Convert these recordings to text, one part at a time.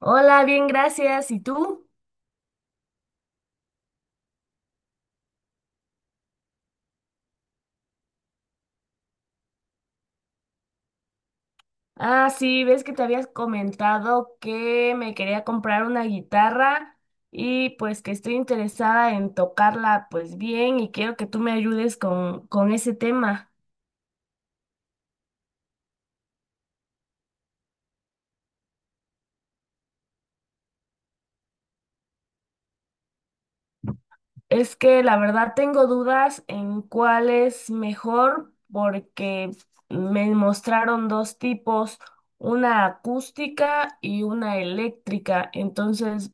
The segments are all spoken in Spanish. Hola, bien, gracias. ¿Y tú? Ah, sí, ves que te habías comentado que me quería comprar una guitarra y pues que estoy interesada en tocarla pues bien y quiero que tú me ayudes con ese tema. Es que la verdad tengo dudas en cuál es mejor porque me mostraron dos tipos, una acústica y una eléctrica. Entonces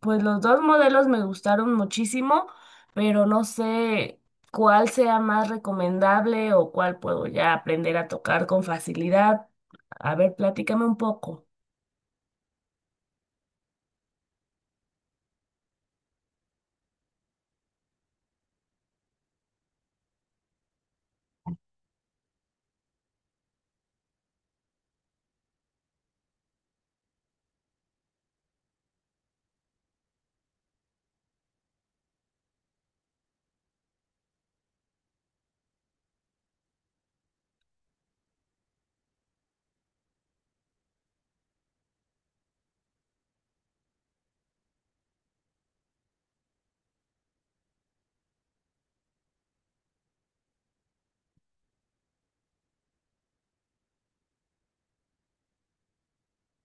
pues los dos modelos me gustaron muchísimo, pero no sé cuál sea más recomendable o cuál puedo ya aprender a tocar con facilidad. A ver, platícame un poco.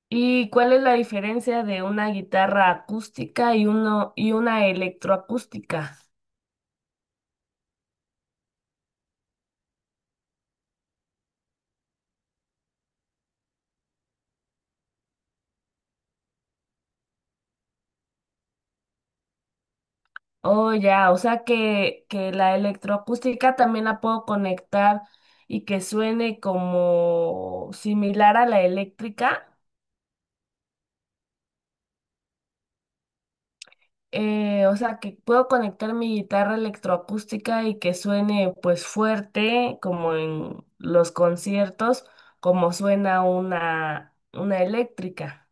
¿Y cuál es la diferencia de una guitarra acústica y uno y una electroacústica? Oh, ya, o sea que la electroacústica también la puedo conectar y que suene como similar a la eléctrica. O sea, que puedo conectar mi guitarra electroacústica y que suene pues fuerte, como en los conciertos, como suena una eléctrica.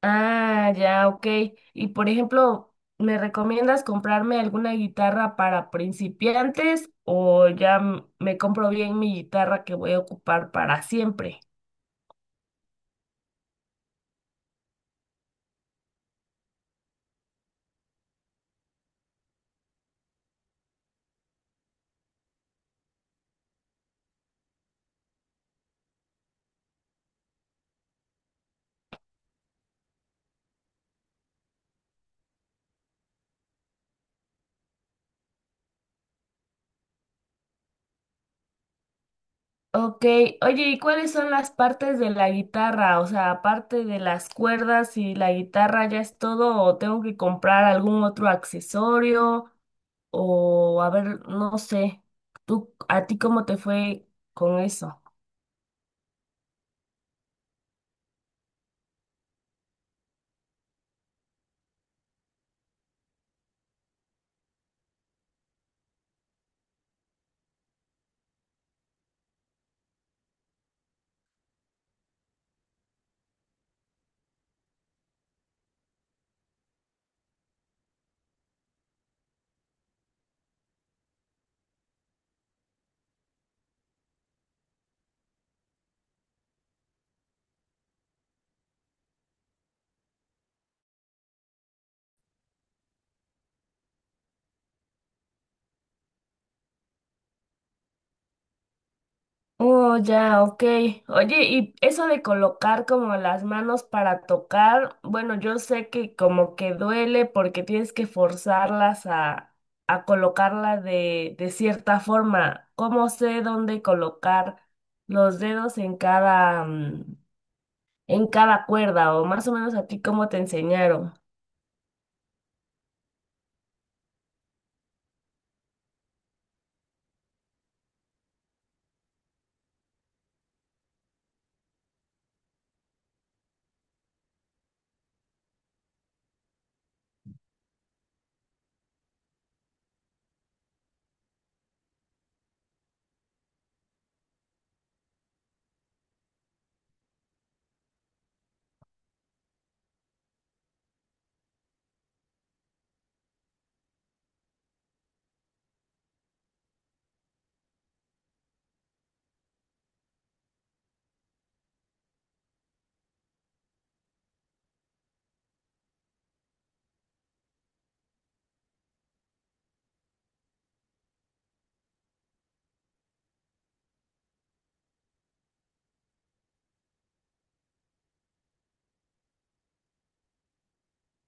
Ah, ya, ok. Y por ejemplo, ¿me recomiendas comprarme alguna guitarra para principiantes o ya me compro bien mi guitarra que voy a ocupar para siempre? Ok, oye, ¿y cuáles son las partes de la guitarra? O sea, aparte de las cuerdas y la guitarra, ¿ya es todo? ¿O tengo que comprar algún otro accesorio? O a ver, no sé, tú, ¿a ti cómo te fue con eso? Oh, ya, ok. Oye, y eso de colocar como las manos para tocar, bueno, yo sé que como que duele porque tienes que forzarlas a colocarla de cierta forma. ¿Cómo sé dónde colocar los dedos en cada, en cada cuerda? O más o menos a ti, ¿cómo te enseñaron?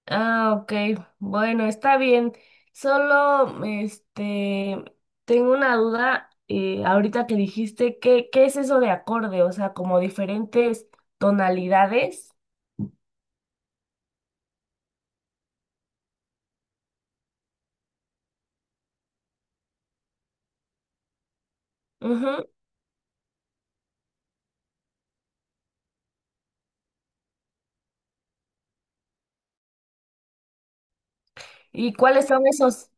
Ah, ok. Bueno, está bien. Solo, tengo una duda, ahorita que dijiste, ¿qué es eso de acorde? O sea, como diferentes tonalidades. Ujú. ¿Y cuáles son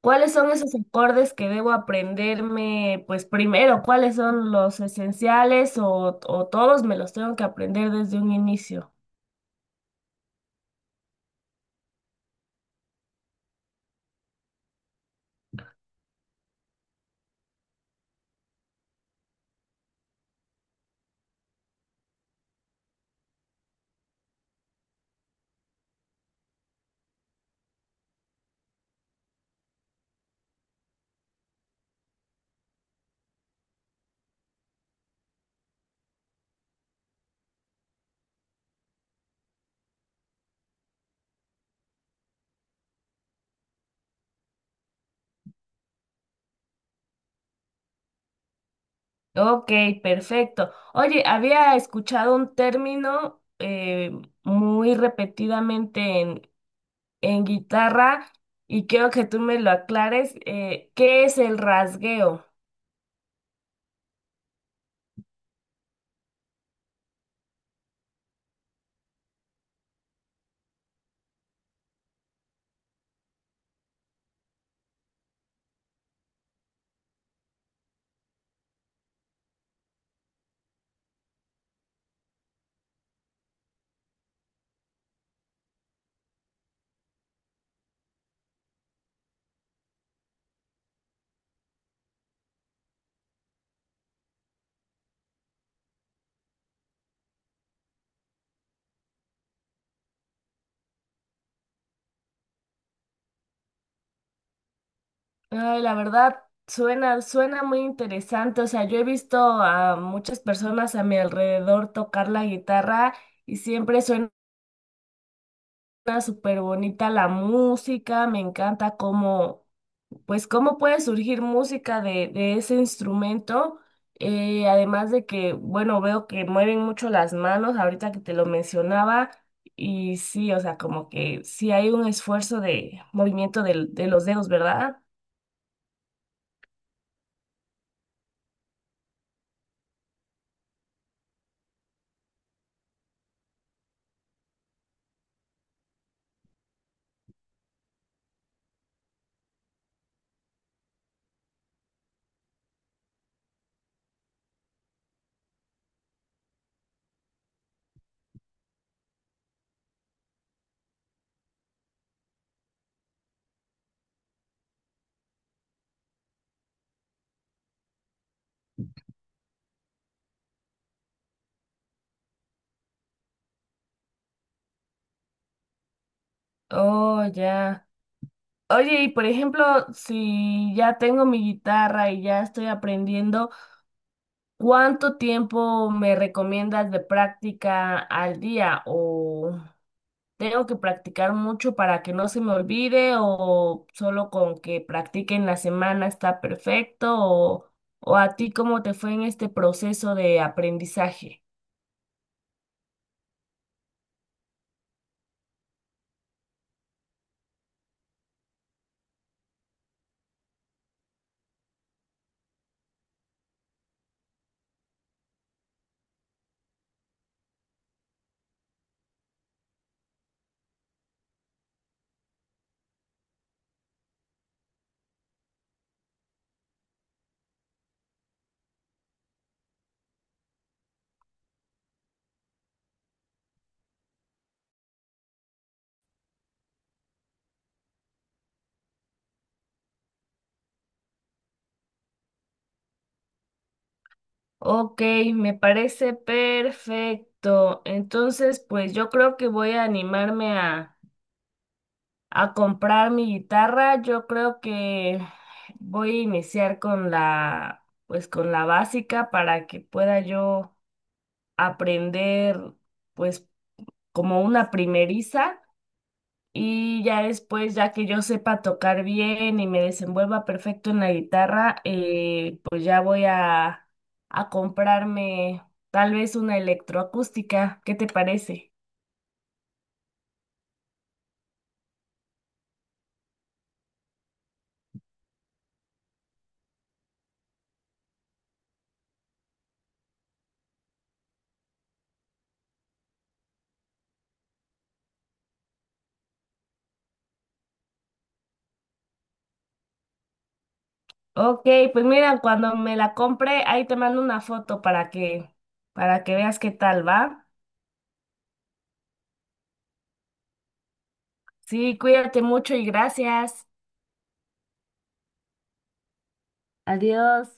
cuáles son esos acordes que debo aprenderme, pues primero, cuáles son los esenciales o todos me los tengo que aprender desde un inicio? Ok, perfecto. Oye, había escuchado un término muy repetidamente en guitarra y quiero que tú me lo aclares. ¿Qué es el rasgueo? Ay, la verdad, suena muy interesante. O sea, yo he visto a muchas personas a mi alrededor tocar la guitarra y siempre suena súper bonita la música. Me encanta cómo pues cómo puede surgir música de ese instrumento. Además de que, bueno, veo que mueven mucho las manos, ahorita que te lo mencionaba, y sí, o sea, como que sí hay un esfuerzo de movimiento los dedos, ¿verdad? Oh, ya. Oye, y por ejemplo, si ya tengo mi guitarra y ya estoy aprendiendo, ¿cuánto tiempo me recomiendas de práctica al día? O... tengo que practicar mucho para que no se me olvide o solo con que practique en la semana está perfecto o a ti cómo te fue en este proceso de aprendizaje. Ok, me parece perfecto. Entonces, pues yo creo que voy a animarme a comprar mi guitarra. Yo creo que voy a iniciar con la, pues con la básica para que pueda yo aprender pues como una primeriza y ya después, ya que yo sepa tocar bien y me desenvuelva perfecto en la guitarra, pues ya voy a comprarme tal vez una electroacústica. ¿Qué te parece? Ok, pues mira, cuando me la compre, ahí te mando una foto para que veas qué tal va. Sí, cuídate mucho y gracias. Adiós.